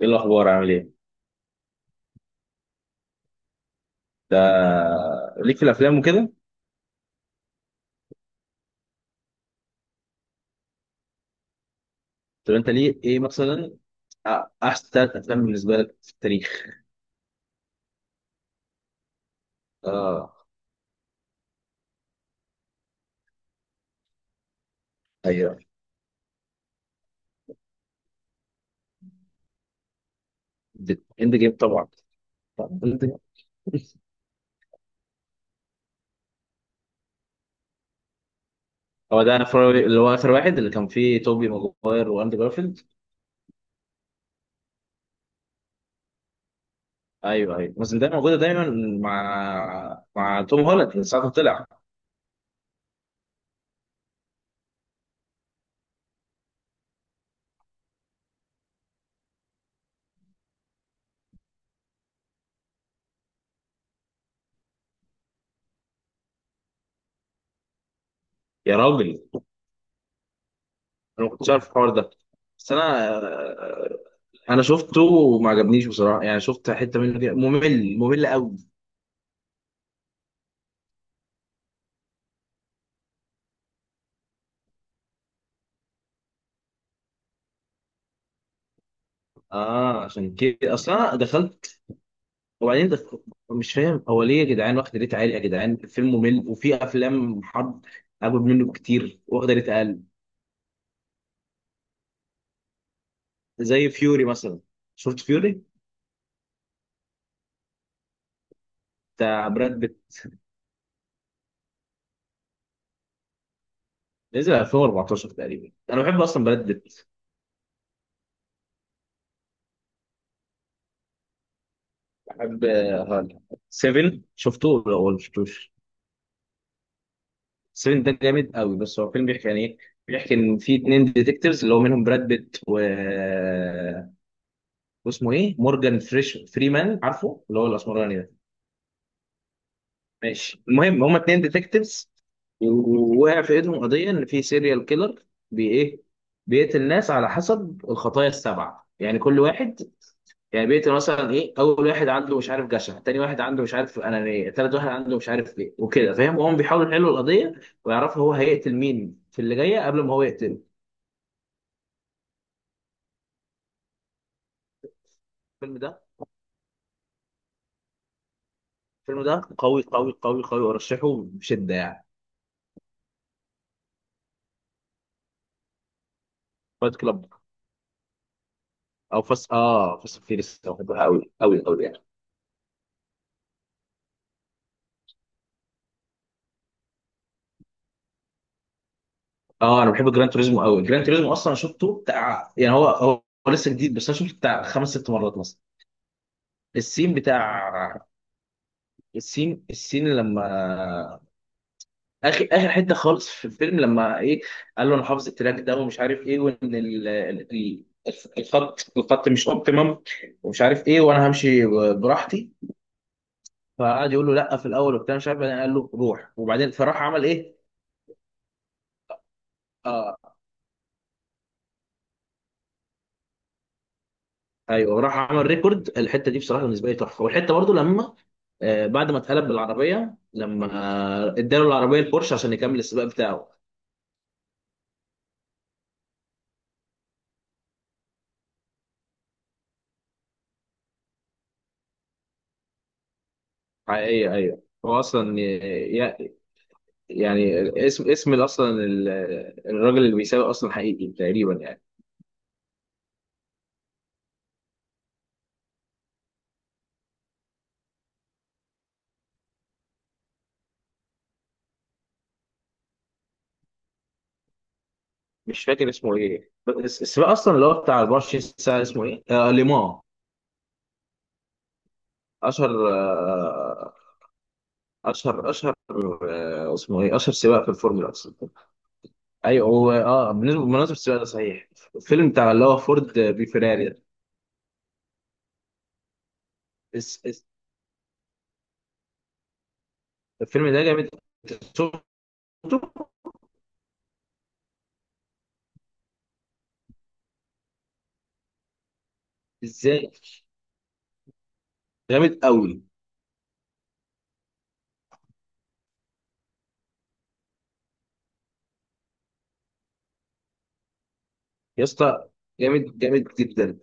ايه الاخبار؟ عامل ايه؟ ده ليك في الافلام وكده. طب انت ليه ايه مثلا؟ أ- احسن ثلاث افلام بالنسبه لك في التاريخ. اه. ايوه، اند جيم طبعا. End Game. هو ده اللي هو اخر واحد اللي كان فيه توبي ماجواير واندرو جارفيلد. ايوه ايوه، بس ده موجوده دايما مع توم هولاند من ساعه ما طلع. يا راجل، انا ما كنتش عارف الحوار ده. بس انا انا شفته وما عجبنيش بصراحه، يعني شفت حته منه كده ممل ممل قوي. اه عشان كده اصلا دخلت. وبعدين مش فاهم هو ليه يا جدعان واخده ريت عالي، يا جدعان فيلم ممل وفي افلام حرب اجمد منه كتير واخده ريت اقل، زي فيوري مثلا. شفت فيوري؟ بتاع براد بيت، نزل 2014 تقريبا. انا بحب اصلا براد بيت. بحب هالا. 7 شفته ولا ما شفتوش؟ 7 ده جامد قوي. بس هو فيلم بيحكي عن ايه؟ بيحكي ان في اتنين ديتكتيفز اللي هو منهم براد بيت و... آه، واسمه ايه، مورجان فريمان، عارفه اللي هو الاسمراني ده. ماشي، المهم هما اتنين ديتكتيفز ووقع في ايدهم قضيه ان في سيريال كيلر، بي ايه، بيقتل ناس على حسب الخطايا السبعه. يعني كل واحد، يعني بيقتل مثلا ايه، اول واحد عنده مش عارف جشع، تاني واحد عنده مش عارف انانيه، تالت واحد عنده مش عارف ايه، وكده فاهم، وهم بيحاولوا يحلوا القضيه ويعرفوا هو هيقتل مين في اللي جايه قبل ما هو يقتله. الفيلم ده، الفيلم ده قوي قوي قوي قوي، ارشحه بشده يعني. فايت كلاب، او فاست، فيريس، بحبها قوي قوي قوي يعني. اه انا بحب جراند توريزمو قوي. جراند توريزمو اصلا شفته بتاع يعني هو هو لسه جديد، بس انا شفته بتاع خمس ست مرات مثلا. السين بتاع، السين لما اخر اخر حته خالص في الفيلم، لما ايه، قال له انا حافظ التراك ده ومش عارف ايه، وان ال- الخط مش اوبتيمم، ومش عارف ايه، وانا همشي براحتي. فقعد يقول له لا في الاول وبتاع مش عارف، بعدين قال له روح. وبعدين فراح عمل ايه؟ آه، ايوه راح عمل ريكورد الحته دي، بصراحه بالنسبه لي تحفه. والحته برضو لما بعد ما اتقلب بالعربيه، لما اداله العربيه البورش عشان يكمل السباق بتاعه. حقيقيه، ايوه هو اصلا يعني اسم اصلا الراجل اللي بيسابق اصلا حقيقي تقريبا يعني. مش فاكر اسمه ايه، بس السباق اصلا اللي هو بتاع 24 ساعه اسمه ايه؟ آه ليمون. اشهر اشهر اسمه ايه؟ اشهر سباق في الفورمولا اصلا. ايوه هو، اه بالنسبه بمناسبه السباق ده صحيح، الفيلم بتاع اللي هو فورد بي فيراري ده. اس- اس- الفيلم ده جامد. أنت شفته؟ ازاي؟ جامد قوي. يا اسطى، جامد جامد جدا.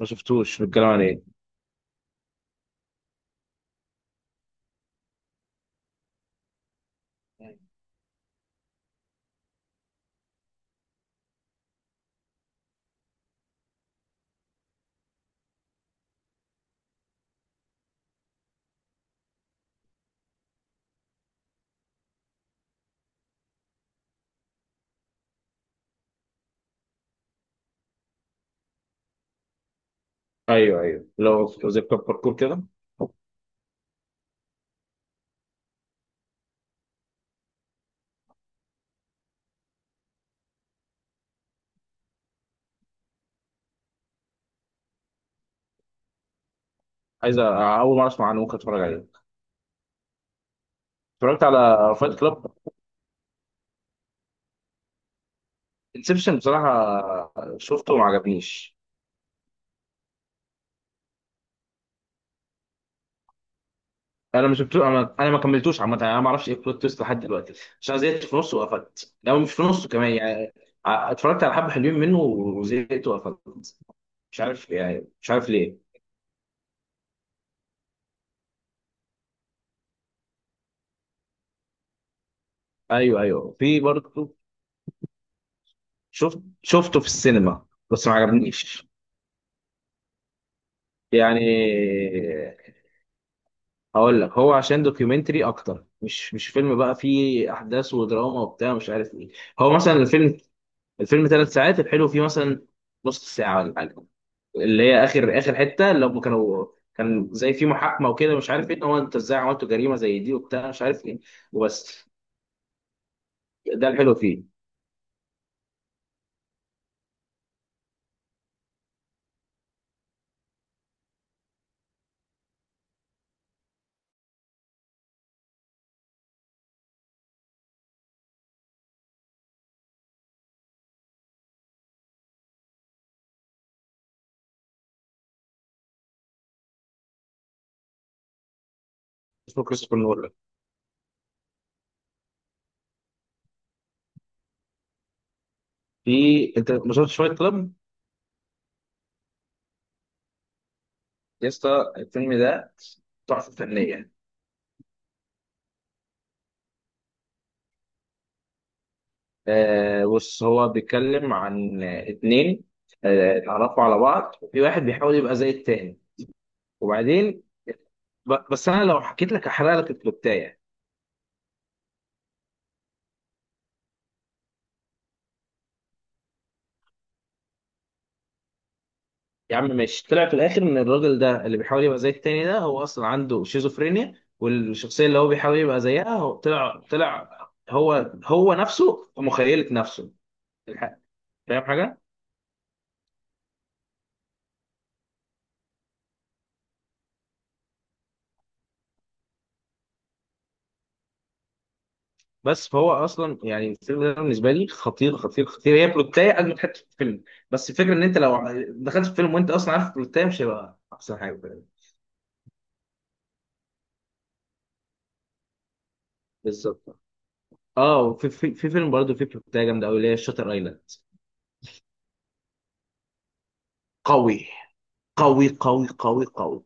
ما شفتوش، بنتكلم عن ايه؟ ايوه ايوه، لو زي كلاب باركور كده. عايز اول مره اسمع عنه، ممكن اتفرج عليه. اتفرجت على فايت كلاب؟ انسبشن بصراحه شفته وما عجبنيش. انا ما شفتوش، انا ما كملتوش عامه، انا ما اعرفش ايه البلوت تويست لحد دلوقتي، عشان زهقت في نصه وقفلت لو مش في نصه كمان يعني. اتفرجت على حبه حلوين منه وزهقت وقفلت، مش عارف يعني، مش عارف ليه. ايوه ايوه، في برضه. شفته في السينما بس ما عجبنيش، يعني هقول لك هو عشان دوكيومنتري اكتر، مش فيلم بقى فيه احداث ودراما وبتاع مش عارف ايه. هو مثلا الفيلم، الفيلم 3 ساعات، الحلو فيه مثلا نص ساعه ولا حاجه، اللي هي اخر اخر حته، اللي هم كانوا كان زي في محاكمه وكده مش عارف ايه، إن هو انت ازاي عملتوا جريمه زي دي وبتاع مش عارف ايه وبس. ده الحلو فيه. اسمه كريستوفر نولان. في، انت ما شفتش فايت كلاب؟ يا اسطى، الفيلم ده تحفه فنيه. آه بص، هو بيتكلم عن اتنين اتعرفوا على بعض وفي واحد بيحاول يبقى زي التاني وبعدين، بس انا لو حكيت لك هحرق لك الكلوبتايه. يا عم ماشي، طلع في الاخر ان الراجل ده اللي بيحاول يبقى زي التاني ده هو اصلا عنده شيزوفرينيا، والشخصيه اللي هو بيحاول يبقى زيها هو طلع هو نفسه في مخيله نفسه الحق. فاهم حاجه؟ بس فهو اصلا يعني الفيلم ده بالنسبه لي خطير خطير خطير، هي بلوتايه اجمد حته في الفيلم. بس الفكره ان انت لو دخلت في فيلم وانت اصلا عارف البلوتايه مش هيبقى احسن حاجه. بالظبط. اه وفي في فيلم برضه فيه بلوتايه جامده قوي اللي هي شاتر ايلاند. قوي. قوي قوي قوي قوي.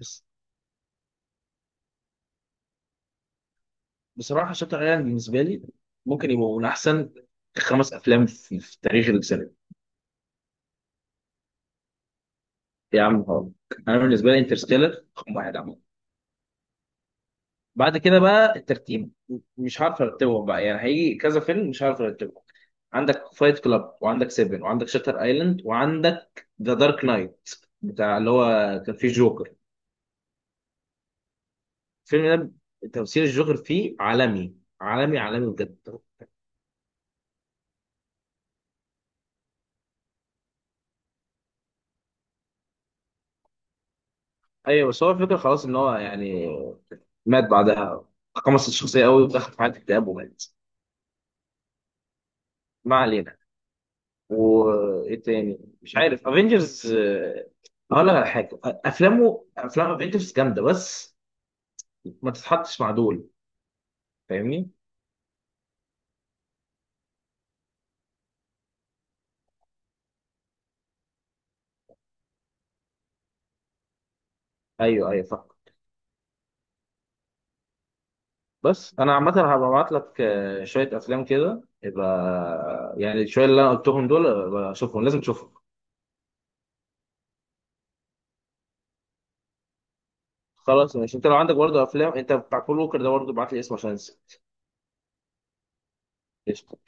بس بصراحه شاتر ايلاند بالنسبه لي ممكن يبقوا من احسن خمس افلام في تاريخ السينما. يا عم هارك، انا بالنسبه لي انترستيلر رقم واحد عمل. بعد كده بقى الترتيب مش عارف ارتبهم بقى، يعني هيجي كذا فيلم مش عارف ارتبهم. عندك فايت كلاب، وعندك سيفن، وعندك شاتر ايلاند، وعندك ذا دارك نايت بتاع اللي هو كان فيه جوكر. الفيلم ده تمثيل الجوكر فيه عالمي، عالمي عالمي بجد. ايوه بس هو الفكره خلاص ان هو يعني مات بعدها، خمس الشخصيه قوي ودخل في حاله اكتئاب ومات. ما علينا. وايه تاني؟ مش عارف، افنجرز. هقول لك على حاجه، افلام افنجرز جامده، بس ما تتحطش مع دول، فاهمني؟ ايوه ايوه فاهم. بس انا عامه هبقى ابعت لك شويه افلام كده، يبقى يعني شويه اللي انا قلتهم دول اشوفهم. لازم تشوفهم. خلاص ماشي، انت لو عندك برضه افلام انت بتاع كول ووكر ده برضه ابعت لي اسمه عشان انسى. قشطة.